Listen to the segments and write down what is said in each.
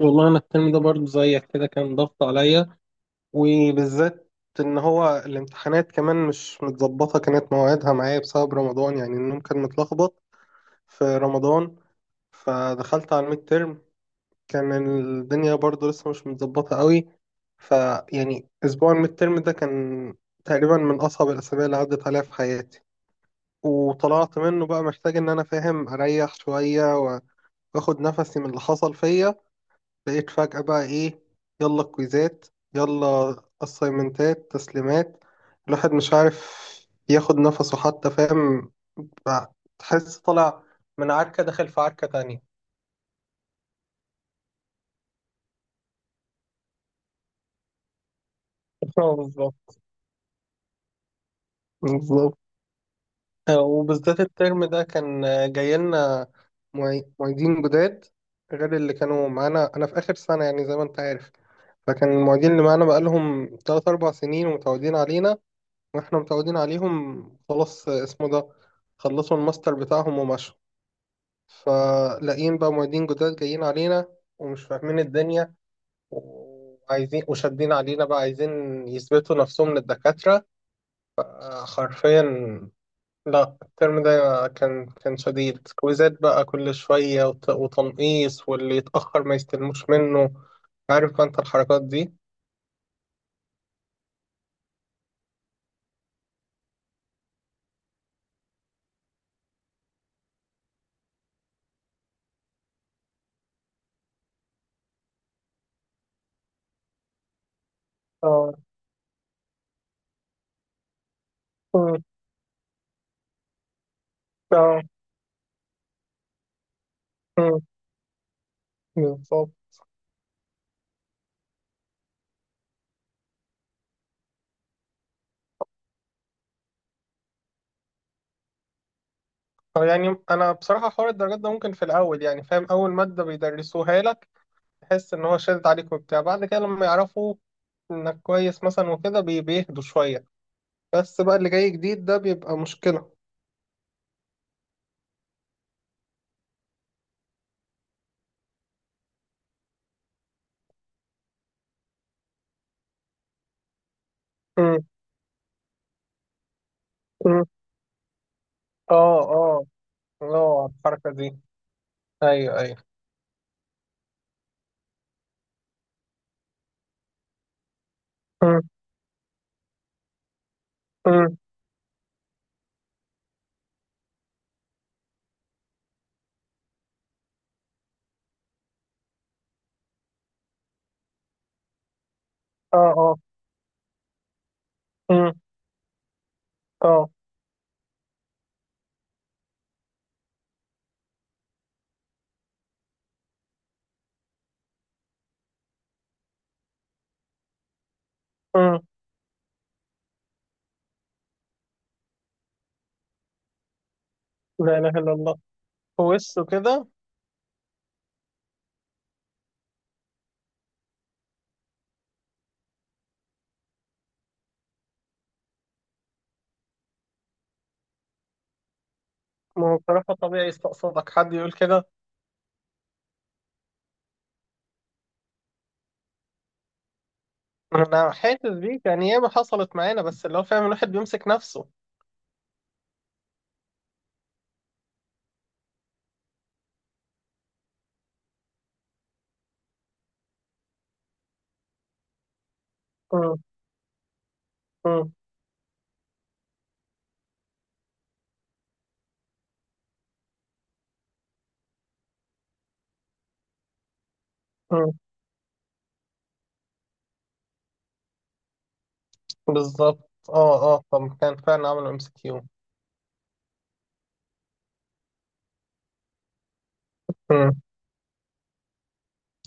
والله أنا الترم ده برضه زيك كده كان ضغط عليا. وبالذات إن هو الامتحانات كمان مش متظبطة، كانت مواعيدها معايا بسبب رمضان. يعني النوم كان متلخبط في رمضان، فدخلت على الميد ترم. كان الدنيا برضه لسه مش متظبطة قوي. فيعني أسبوع الميد ترم ده كان تقريبا من أصعب الأسابيع اللي عدت عليها في حياتي. وطلعت منه بقى محتاج إن أنا فاهم أريح شوية وآخد نفسي من اللي حصل فيا. لقيت فجأة بقى إيه، يلا كويزات، يلا أسايمنتات تسليمات. الواحد مش عارف ياخد نفسه حتى، فاهم بقى، تحس طالع من عركة داخل في عركة تانية. اه، بالظبط بالظبط. وبالذات الترم ده كان جاي لنا معيدين جداد، غير اللي كانوا معانا أنا في آخر سنة يعني زي ما أنت عارف. فكان المعيدين اللي معانا بقالهم تلات أربع سنين ومتعودين علينا، واحنا متعودين عليهم. خلاص اسمه ده، خلصوا الماستر بتاعهم ومشوا. فلاقيين بقى معيدين جداد جايين علينا ومش فاهمين الدنيا، وعايزين وشادين علينا بقى، عايزين يثبتوا نفسهم للدكاترة. حرفيا. لا الترم ده كان شديد، كويزات بقى كل شوية، وتنقيص، واللي يتأخر ما يستلموش منه. عارف بقى انت الحركات دي. اه، آه، آه، آه، بالظبط. أو يعني انا بصراحه حوار الدرجات ده ممكن في الاول يعني فاهم، اول ماده بيدرسوها لك تحس ان هو شادد عليك وبتاع. بعد كده لما يعرفوا انك كويس مثلا وكده بيهدوا شويه. بس بقى اللي جاي جديد ده بيبقى مشكله. م- م. اه اه. اه الحركه دي. ايوه ايوه. م- م. اه اه. م- اه. م. لا اله الا الله، وشه كده. ما هو بصراحه طبيعي يستقصدك حد يقول كده. انا حاسس بيك يعني، ياما حصلت معانا، بس اللي هو فاهم، الواحد بيمسك نفسه. م- م. مم. بالظبط، اه اه. طب كان فعلا عملوا MCQ؟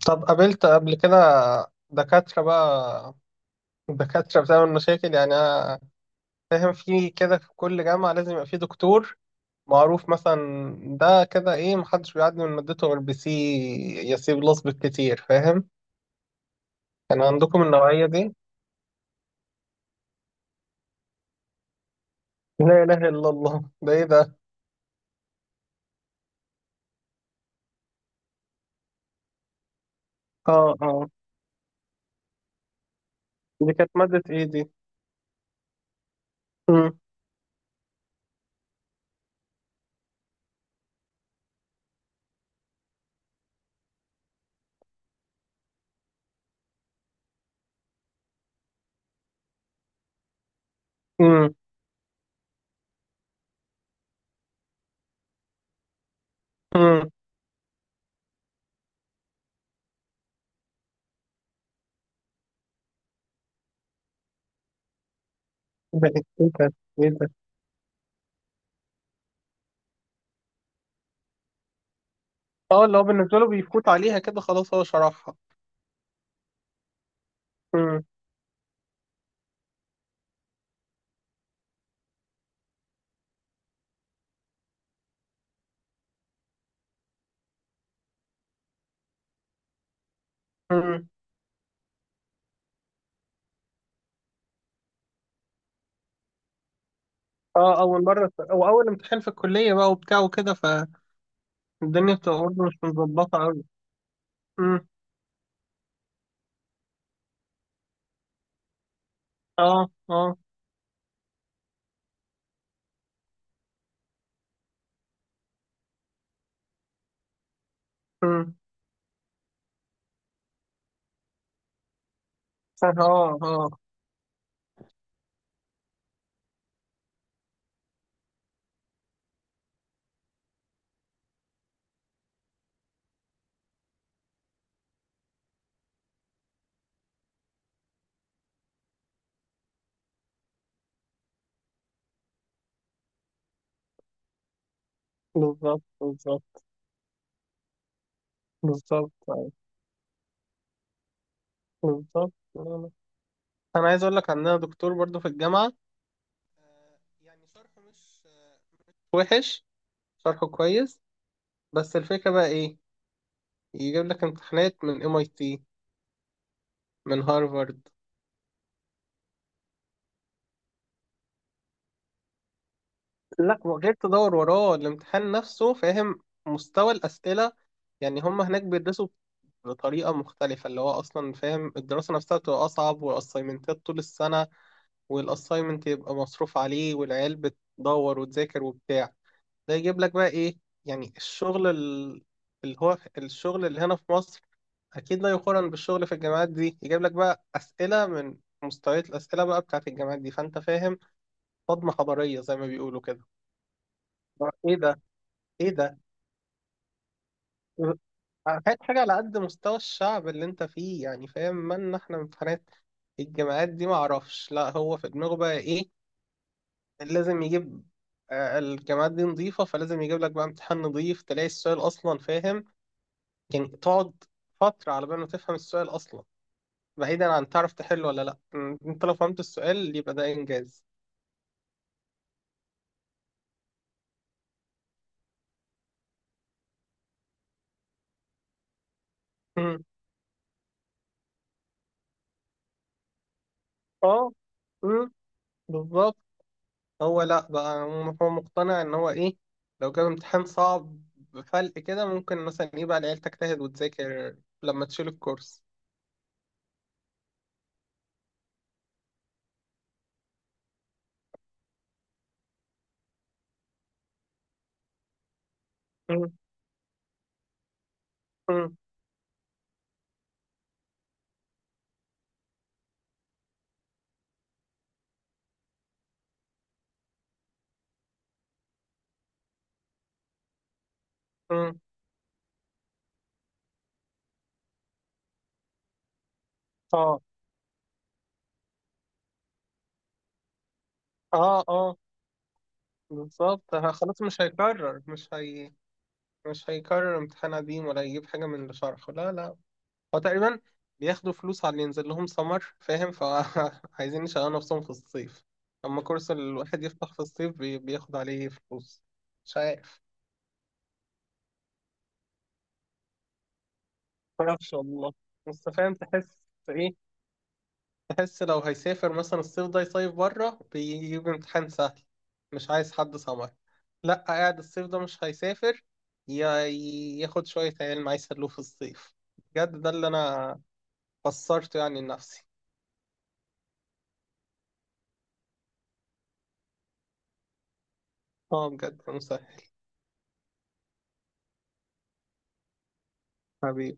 طب قابلت قبل كده دكاترة بقى، دكاترة بتعمل مشاكل؟ يعني أنا فاهم في كده، في كل جامعة لازم يبقى في دكتور معروف مثلا. ده كده ايه، محدش بيعدي من مادته غير BC، يا C+ بالكتير، فاهم. كان عندكم النوعية دي؟ لا إله إلا الله، ده ايه ده. اه اه. دي كانت مادة ايه دي؟ مم. مم. مم. ده ايه ده، إيه ده؟ اه، اللي هو بالنسبة له بيفوت عليها كده، خلاص هو شرحها. مم. مم. اه، أول امتحان في الكلية بقى وبتاع وكده، فالدنيا بتبقى برضه مش متظبطة أوي. مم. اه اه. مم. اه اه، بالظبط بالظبط. بالظبط أيوة. بالظبط. أنا عايز أقول لك عندنا دكتور برضه في الجامعة، آه، يعني شرحه مش وحش، شرحه كويس. بس الفكرة بقى ايه، يجيب لك امتحانات من MIT، من هارفارد. لا، وغير تدور وراه، الامتحان نفسه فاهم، مستوى الأسئلة. يعني هم هناك بيدرسوا بطريقة مختلفة، اللي هو أصلا فاهم الدراسة نفسها بتبقى أصعب، والأسايمنتات طول السنة، والأسايمنت يبقى مصروف عليه، والعيال بتدور وتذاكر وبتاع. ده يجيب لك بقى إيه، يعني الشغل اللي هو الشغل اللي هنا في مصر أكيد لا يقارن بالشغل في الجامعات دي. يجيب لك بقى أسئلة من مستويات الأسئلة بقى بتاعت الجامعات دي، فأنت فاهم، صدمة حضارية زي ما بيقولوا كده. إيه ده، ايه ده، حاجات حاجة على قد مستوى الشعب اللي انت فيه، يعني فاهم، مالنا احنا من امتحانات الجامعات دي. معرفش، لا هو في دماغه بقى ايه، لازم يجيب الجامعات دي نظيفة فلازم يجيب لك بقى امتحان نظيف. تلاقي السؤال أصلا فاهم، يعني تقعد فترة على بال ما تفهم السؤال أصلا، بعيدا عن تعرف تحله ولا لأ. انت لو فهمت السؤال يبقى ده إنجاز. م. اه. م، بالظبط. هو لا بقى، هو مقتنع ان هو ايه، لو جاب امتحان صعب بفلق كده ممكن مثلا ايه بقى العيال تجتهد وتذاكر لما تشيل الكورس. مم. مم. مم. اه اه اه، بالظبط. خلاص مش هيكرر، مش هيكرر امتحان قديم ولا يجيب حاجة من اللي شرحه. لا لا، هو تقريبا بياخدوا فلوس على اللي ينزل لهم سمر فاهم، فعايزين يشغلوا نفسهم في الصيف. اما كورس الواحد يفتح في الصيف بياخد عليه فلوس. مش عارف. معرفش والله. بس فاهم تحس ايه، تحس لو هيسافر مثلا الصيف ده يصيف بره بيجيب امتحان سهل، مش عايز حد سمر. لا قاعد الصيف ده مش هيسافر، يا- ياخد شوية علم يسلوه في الصيف. بجد ده اللي انا فسرته يعني لنفسي. اه بجد، مسهل. حبيبي.